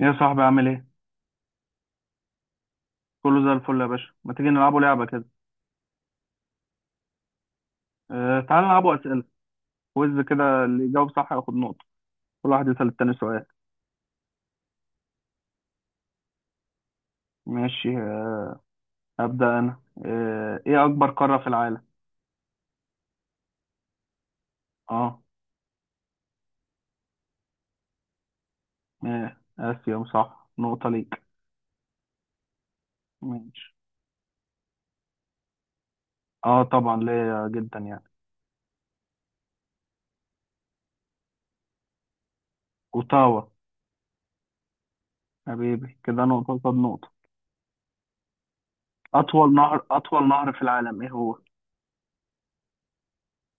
يا صاحبي عامل ايه؟ كله زي الفل يا باشا، ما تيجي نلعبوا لعبة كده. تعال نلعبوا أسئلة، كويز كده اللي يجاوب صح ياخد نقطة، كل واحد يسأل التاني سؤال. ماشي أبدأ أنا. ايه أكبر قارة في العالم؟ اه. إيه آسيا صح، نقطة ليك. ماشي. اه طبعا ليا جدا يعني. أوتاوا. حبيبي كده نقطة قصاد نقطة. أطول نهر في العالم ايه هو؟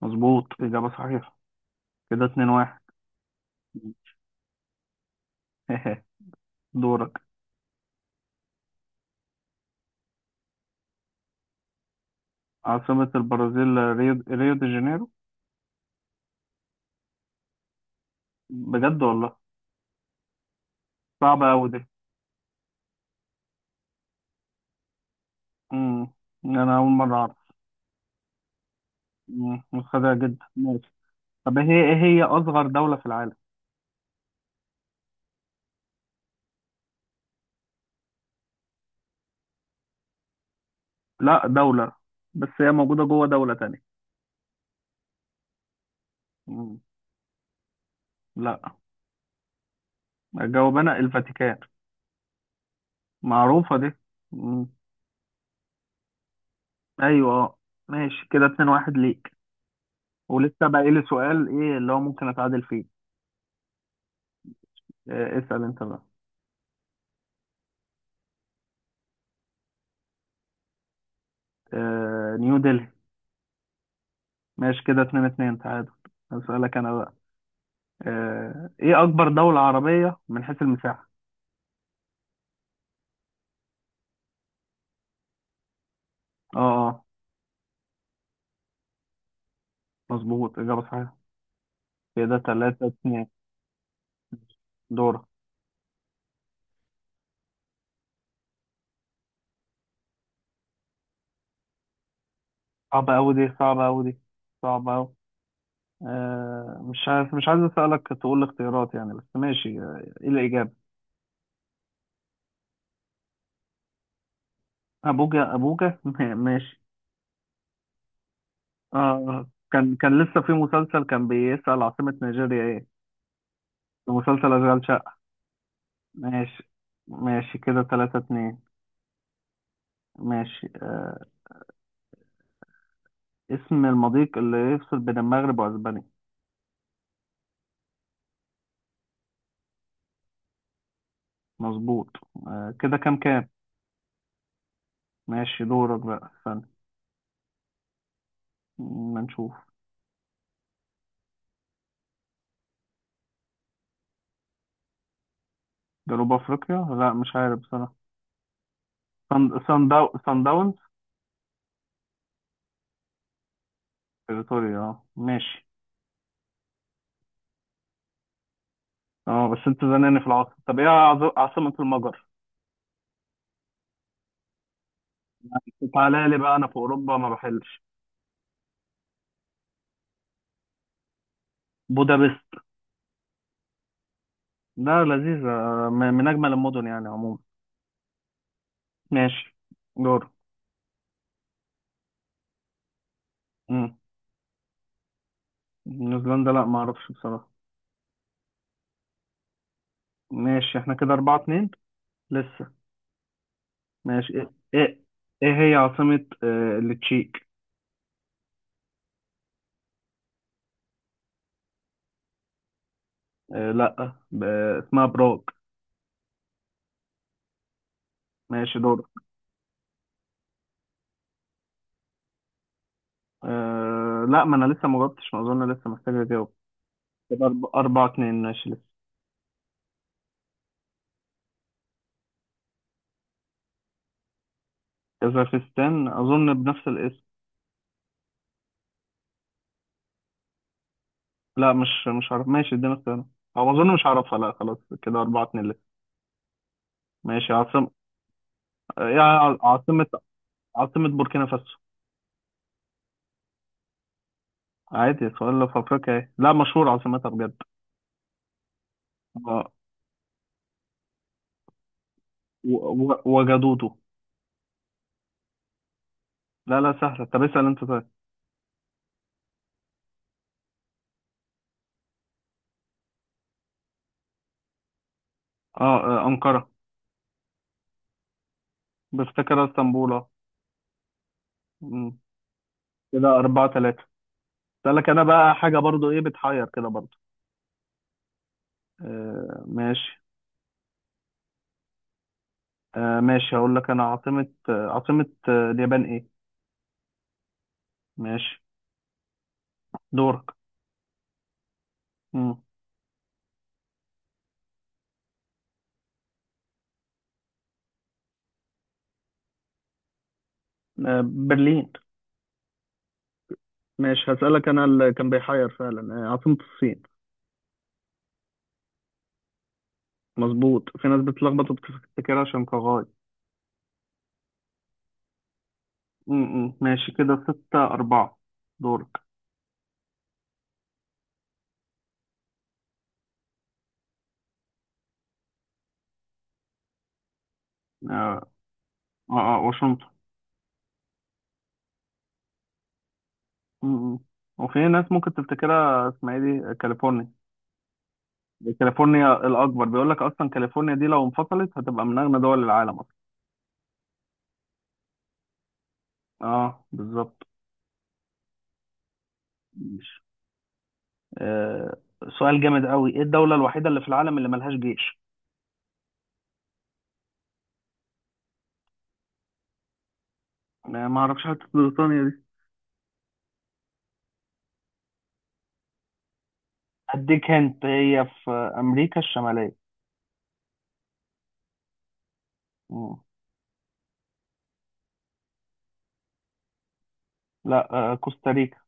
مظبوط، إجابة صحيحة. كده اتنين واحد. دورك. عاصمة البرازيل ريو دي جانيرو. بجد والله. صعبة أوي دي. مم. أنا أول مرة أعرف. مم. متخدعة جدا ماشي. طب هي إيه هي أصغر دولة في العالم؟ لا دولة، بس هي موجودة جوه دولة تانية. مم. لا. أجاوب أنا، الفاتيكان. معروفة دي. مم. أيوة أه. ماشي كده اتنين واحد ليك. ولسه باقي لي سؤال إيه اللي هو ممكن أتعادل فيه. اسأل أنت بقى. نيو دلهي. ماشي كده اتنين اتنين تعادل. هسألك أنا بقى. إيه أكبر دولة عربية من حيث المساحة؟ أه آه. مظبوط إجابة صحيحة. كده تلاتة اتنين. دورة. صعبة أوي دي صعبة أوي دي صعبة أوي. مش عارف، مش عايز أسألك تقول الاختيارات يعني، بس ماشي إيه الإجابة. أبوجا أبوجا ماشي. آه آه. كان لسه في مسلسل كان بيسأل عاصمة نيجيريا إيه، في مسلسل أشغال شقة. ماشي. ماشي كده تلاتة اتنين. ماشي اسم المضيق اللي يفصل بين المغرب وأسبانيا. مظبوط. كده كام كام. ماشي دورك بقى استنى. ما نشوف. جنوب افريقيا، لا مش عارف بصراحه. سان داونز. بريتوريا اه ماشي. اه بس انت زناني في العاصمه. طب ايه عاصمه المجر. تعالى لي بقى انا في اوروبا ما بحلش. بودابست. لا لذيذه. من اجمل المدن يعني عموما. ماشي دور. مم. نيوزيلندا، لا ما اعرفش بصراحه. ماشي احنا كده أربعة اتنين لسه. ماشي ايه, إيه هي عاصمه التشيك. آه لا ب- اسمها براغ. ماشي دور. لا ما انا لسه ما جاوبتش، ما اظن لسه محتاج اجاوب. كده أربعة اتنين ماشي لسه. كازاخستان اظن بنفس الاسم. لا، مش عارف ماشي اديني اختيارات. او اظن مش عارفها، لا خلاص كده أربعة اتنين لسه. ماشي عاصم. يعني عاصمة بوركينا فاسو. عادي، سؤال في افريقيا ايه، لا مشهور عاصمتها بجد. آه، وجدوده. لا لا سهلة، طب اسأل انت طيب. اه أنقرة. بفتكرها اسطنبول اه. مم. كده أربعة تلاتة. اسألك انا بقى حاجة برضو ايه بتحير كده برضو. آه ماشي. ماشي هقول لك انا عاصمة اليابان ايه. ماشي دورك. مم. برلين. ماشي هسألك انا اللي كان بيحير فعلا عاصمة الصين. مظبوط، في ناس بتلخبط وبتفتكرها شنغهاي. مم، مم. ماشي كده ستة أربعة. دورك. اه اه واشنطن. مم، مم. وفي ناس ممكن تفتكرها اسمها ايه، دي كاليفورنيا. دي كاليفورنيا الأكبر، بيقول لك أصلا كاليفورنيا دي لو انفصلت هتبقى من أغنى دول العالم أصلا. اه بالظبط. آه، سؤال جامد قوي، ايه الدولة الوحيدة اللي في العالم اللي ملهاش جيش. ما اعرفش، حتى بريطانيا دي. اديك هنت، هي في امريكا الشمالية. مم. لا كوستاريكا،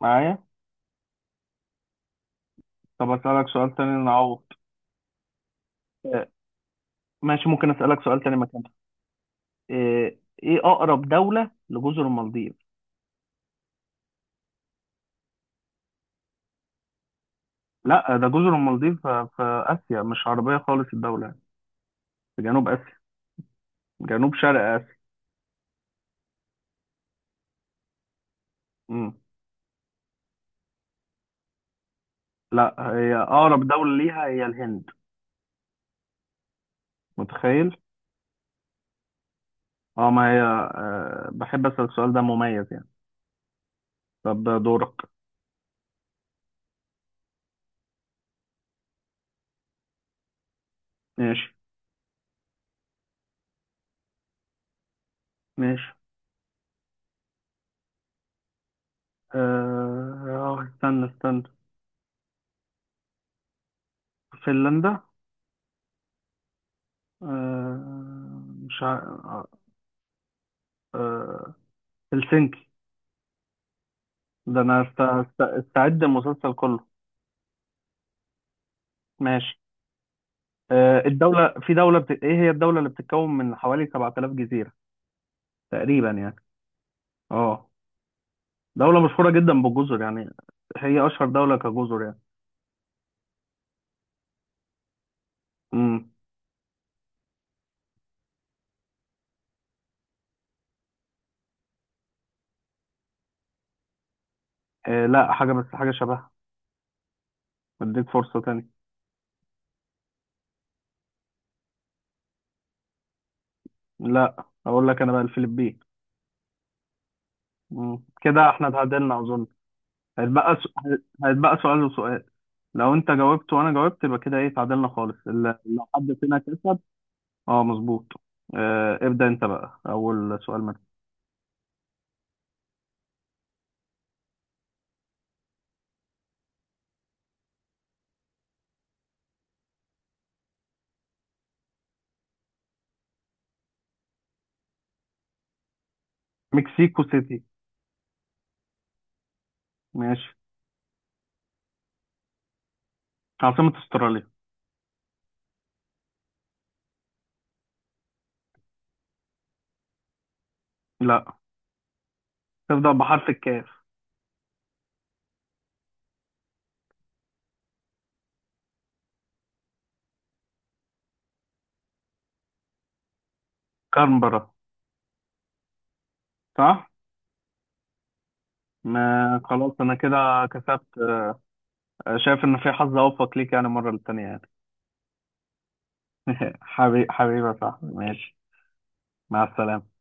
معايا. طب اسألك سؤال تاني نعوض. آه، ماشي ممكن اسألك سؤال تاني مكانها. آه، ايه اقرب دولة لجزر المالديف. لا، ده جزر المالديف في اسيا، مش عربية خالص الدولة يعني. في جنوب اسيا، جنوب شرق اسيا. مم. لا، هي اقرب دولة ليها هي الهند. متخيل. اه ما هي، أه بحب أسأل السؤال ده مميز يعني. طب دورك. ماشي. ماشي اه استنى استنى فنلندا. آه مش ع... آه آه، هلسنكي. ده انا استعد المسلسل كله. ماشي. آه الدولة في دولة بت... ايه هي الدولة اللي بتتكون من حوالي 7000 جزيرة تقريبا يعني. اه دولة مشهورة جدا بالجزر يعني. هي اشهر دولة كجزر يعني. امم لا حاجة، بس حاجة شبهها. اديك فرصة تانية. لا اقول لك انا بقى، الفلبين. مم. كده احنا اتعادلنا اظن. هيتبقى س... هيتبقى سؤال وسؤال، لو انت جاوبت وانا جاوبت يبقى كده ايه اتعادلنا خالص، لو حد فينا كسب. اه مظبوط. ابدأ انت بقى، اول سؤال منك. مكسيكو سيتي. ماشي. عاصمة استراليا. لا، تبدأ بحرف الكاف. كانبرا. صح. ما خلاص انا كده كسبت. شايف ان في حظ اوفق ليك يعني المرة التانية يعني. حبيبي حبيبي صح ماشي. مع السلامة.